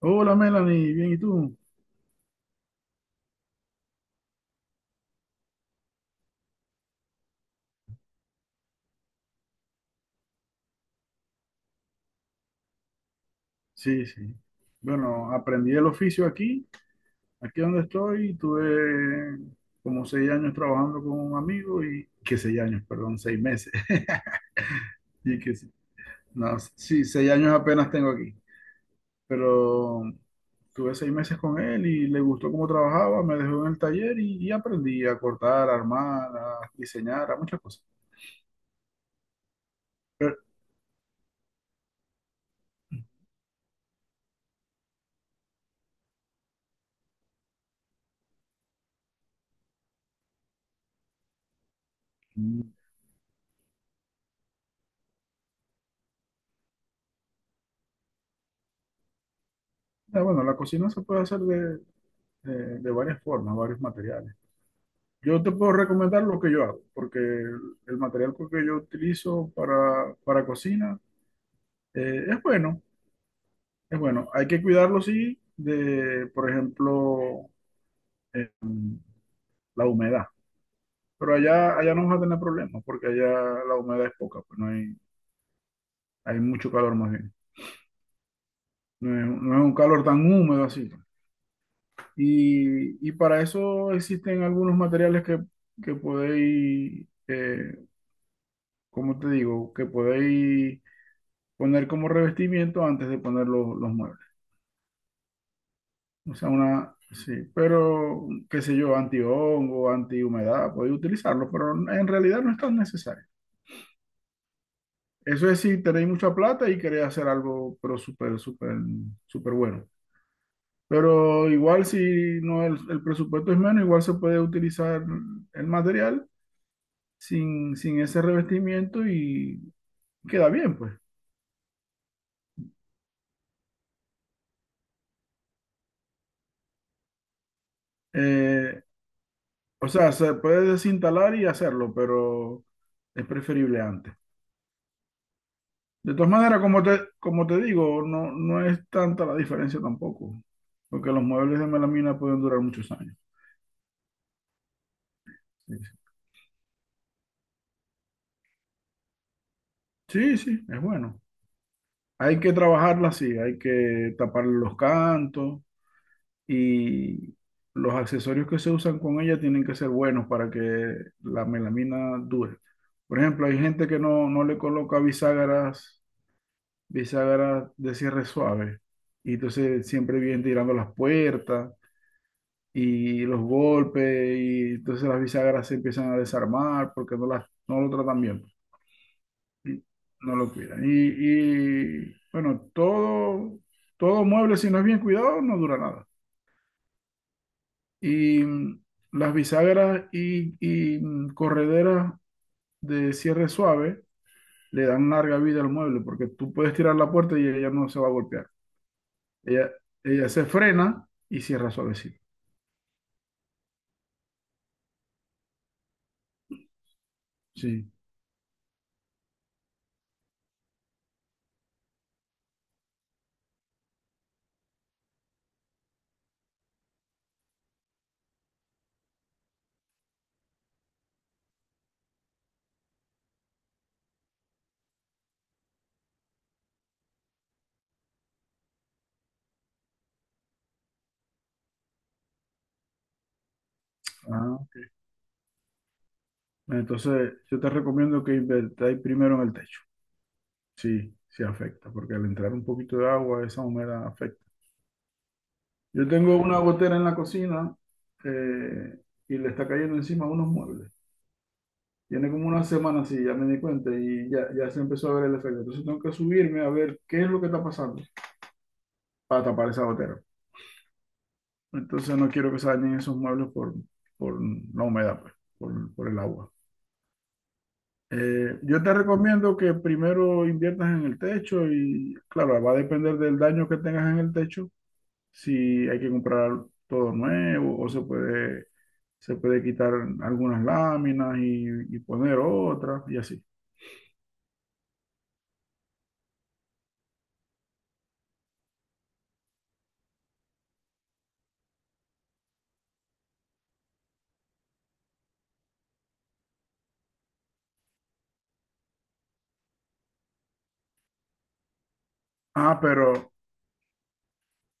Hola Melanie, bien, ¿y tú? Sí, sí. Bueno, aprendí el oficio aquí, aquí donde estoy, tuve como 6 años trabajando con un amigo y que 6 años, perdón, 6 meses. Y que sí, no, sí, 6 años apenas tengo aquí, pero tuve 6 meses con él y le gustó cómo trabajaba, me dejó en el taller y, aprendí a cortar, a armar, a diseñar, a muchas cosas. Pero, mm, bueno, la cocina se puede hacer de, de varias formas, varios materiales. Yo te puedo recomendar lo que yo hago, porque el material pues, que yo utilizo para cocina es bueno, es bueno. Hay que cuidarlo, sí, de, por ejemplo, eh, la humedad. Pero allá, allá no vas a tener problemas, porque allá la humedad es poca, pues no hay, hay mucho calor más bien. No es, no es un calor tan húmedo así. Y para eso existen algunos materiales que podéis, ¿cómo te digo? Que podéis poner como revestimiento antes de poner los muebles. O sea, una, sí, pero qué sé yo, antihongo, antihumedad, podéis utilizarlo, pero en realidad no es tan necesario. Eso es si tenéis mucha plata y queréis hacer algo, pero súper, súper, súper bueno. Pero igual si no el, el presupuesto es menos, igual se puede utilizar el material sin, sin ese revestimiento y queda bien, pues. Eh, o sea, se puede desinstalar y hacerlo, pero es preferible antes. De todas maneras, como te digo, no, no es tanta la diferencia tampoco, porque los muebles de melamina pueden durar muchos años. Sí, sí, sí, es bueno. Hay que trabajarla así, hay que tapar los cantos y los accesorios que se usan con ella tienen que ser buenos para que la melamina dure. Por ejemplo, hay gente que no, no le coloca bisagras, bisagras de cierre suave y entonces siempre vienen tirando las puertas y los golpes y entonces las bisagras se empiezan a desarmar porque no las no lo tratan bien y no lo cuidan y, bueno todo todo mueble si no es bien cuidado no dura nada y las bisagras y, correderas de cierre suave le dan larga vida al mueble porque tú puedes tirar la puerta y ella no se va a golpear ella ella se frena y cierra suavecito sí. Ah, entonces yo te recomiendo que invertáis primero en el techo. Sí, sí afecta, porque al entrar un poquito de agua, esa humedad afecta. Yo tengo una gotera en la cocina eh, y le está cayendo encima unos muebles. Tiene como una semana así, ya me di cuenta y ya, ya se empezó a ver el efecto. Entonces tengo que subirme a ver qué es lo que está pasando para tapar esa gotera. Entonces no quiero que se dañen esos muebles por la humedad, pues, por el agua. Yo te recomiendo que primero inviertas en el techo y claro, va a depender del daño que tengas en el techo si hay que comprar todo nuevo o se puede quitar algunas láminas y poner otras y así. Ah, pero,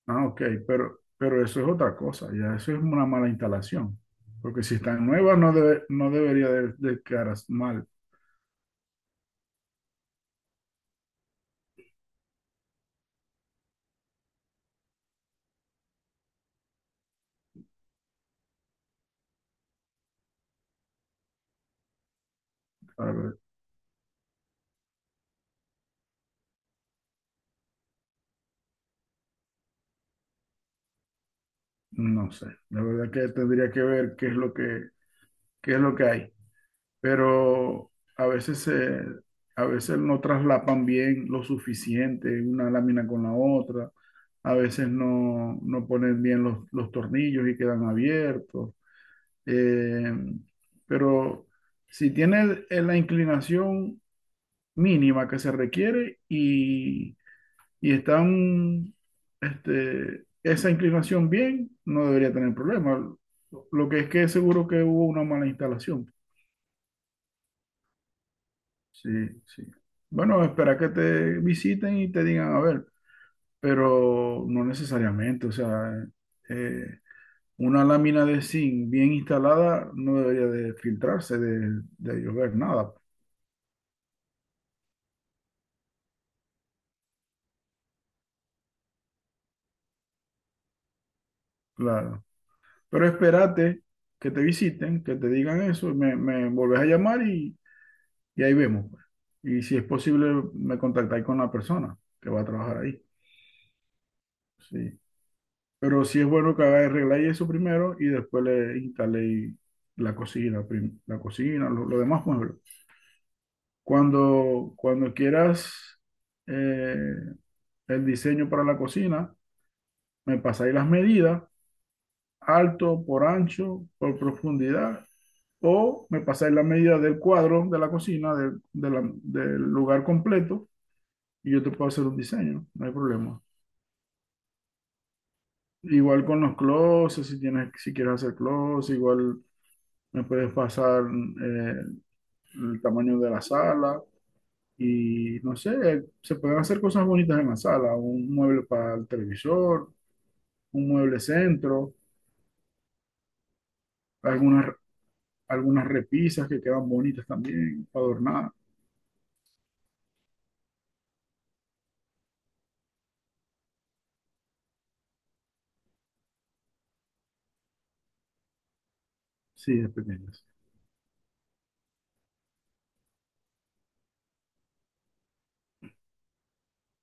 ah, ok, pero eso es otra cosa, ya eso es una mala instalación, porque si están nuevas no, debe- no debería de quedar as- mal. A ver, no sé, la verdad que tendría que ver qué es lo que, qué es lo que hay. Pero a veces se, a veces no traslapan bien lo suficiente una lámina con la otra, a veces no, no ponen bien los tornillos y quedan abiertos. Eh, pero si tiene la inclinación mínima que se requiere y están este, esa inclinación bien, no debería tener problema. Lo que es que seguro que hubo una mala instalación. Sí, sí. Bueno, espera que te visiten y te digan, a ver, pero no necesariamente, o sea, eh, una lámina de zinc bien instalada no debería de filtrarse, de llover, nada, claro. Pero espérate que te visiten, que te digan eso, y me volvés a llamar y ahí vemos, pues. Y si es posible, me contactáis con la persona que va a trabajar ahí. Sí. Pero sí es bueno que haga arreglar eso primero y después le instale la cocina, prim- la cocina, lo demás muebles. Cuando, cuando quieras eh, el diseño para la cocina, me pasáis las medidas, alto, por ancho, por profundidad, o me pasáis las medidas del cuadro de la cocina, del de la- del lugar completo, y yo te puedo hacer un diseño, no hay problema. Igual con los closets, si tienes, si quieres hacer closets, igual me puedes pasar eh, el tamaño de la sala y no sé, se pueden hacer cosas bonitas en la sala, un mueble para el televisor, un mueble centro, algunas, algunas repisas que quedan bonitas también para adornar, sí, es pequeñas.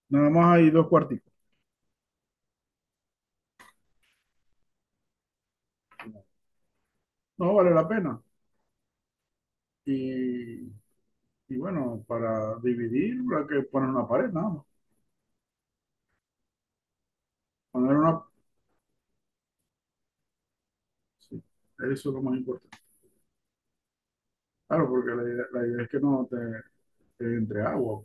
Nada más hay dos cuartitos. No vale la pena. Y, y bueno, para dividir, hay que poner una pared, nada más. Poner una, sí, eso es lo más importante. Claro, porque la idea es que no te, te entre agua.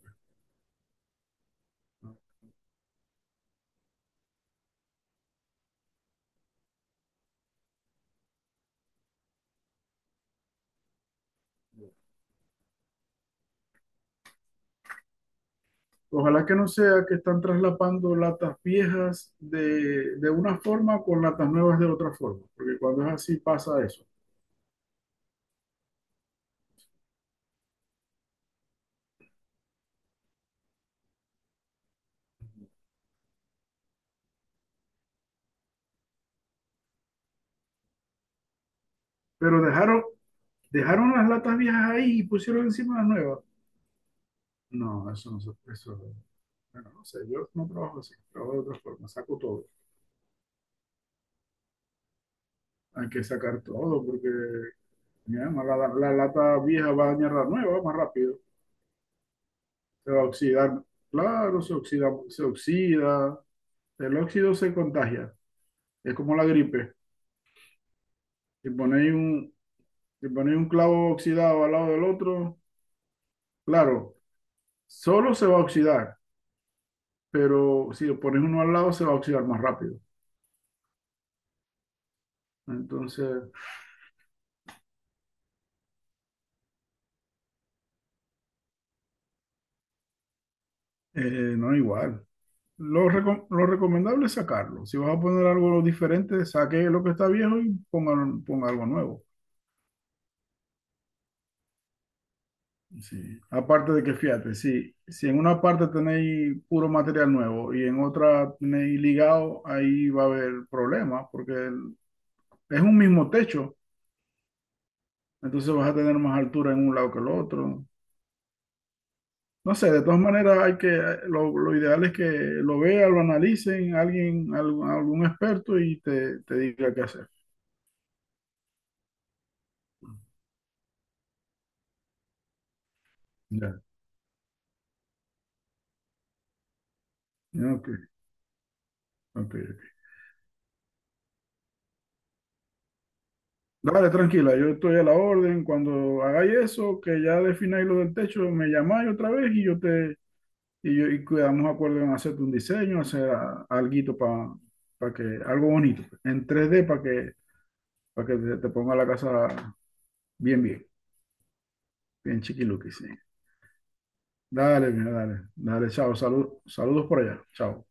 Ojalá que no sea que están traslapando latas viejas de una forma con latas nuevas de otra forma, porque cuando es así pasa eso. Pero dejaron, dejaron las latas viejas ahí y pusieron encima las nuevas. No, eso no se eso, bueno, no sé, yo no trabajo así, trabajo de otra forma, saco todo. Hay que sacar todo porque mira, no, la lata vieja va a dañar la nueva más rápido, se va a oxidar. Claro, se oxida, el óxido se contagia, es como la gripe. Si ponéis un, y poner un clavo oxidado al lado del otro, claro, solo se va a oxidar, pero si lo pones uno al lado se va a oxidar más rápido. Entonces, no es igual. Lo, reco- lo recomendable es sacarlo. Si vas a poner algo diferente, saque lo que está viejo y ponga, ponga algo nuevo. Sí. Aparte de que, fíjate, si, si en una parte tenéis puro material nuevo y en otra tenéis ligado, ahí va a haber problemas porque el- es un mismo techo, entonces vas a tener más altura en un lado que el otro. No sé, de todas maneras hay que, lo ideal es que lo vea, lo analicen, alguien, algún, algún experto y te diga qué hacer. Ya. Ok, ok, ok. Dale, tranquila, yo estoy a la orden. Cuando hagáis eso, que ya defináis lo del techo, me llamáis otra vez y yo te y, yo, y quedamos de acuerdo en hacerte un diseño, hacer algo para que algo bonito, pues, en 3D para que te ponga la casa bien, bien, bien chiquiluqui, sí. Dale, mira, dale, dale, chao, salud, saludos por allá, chao.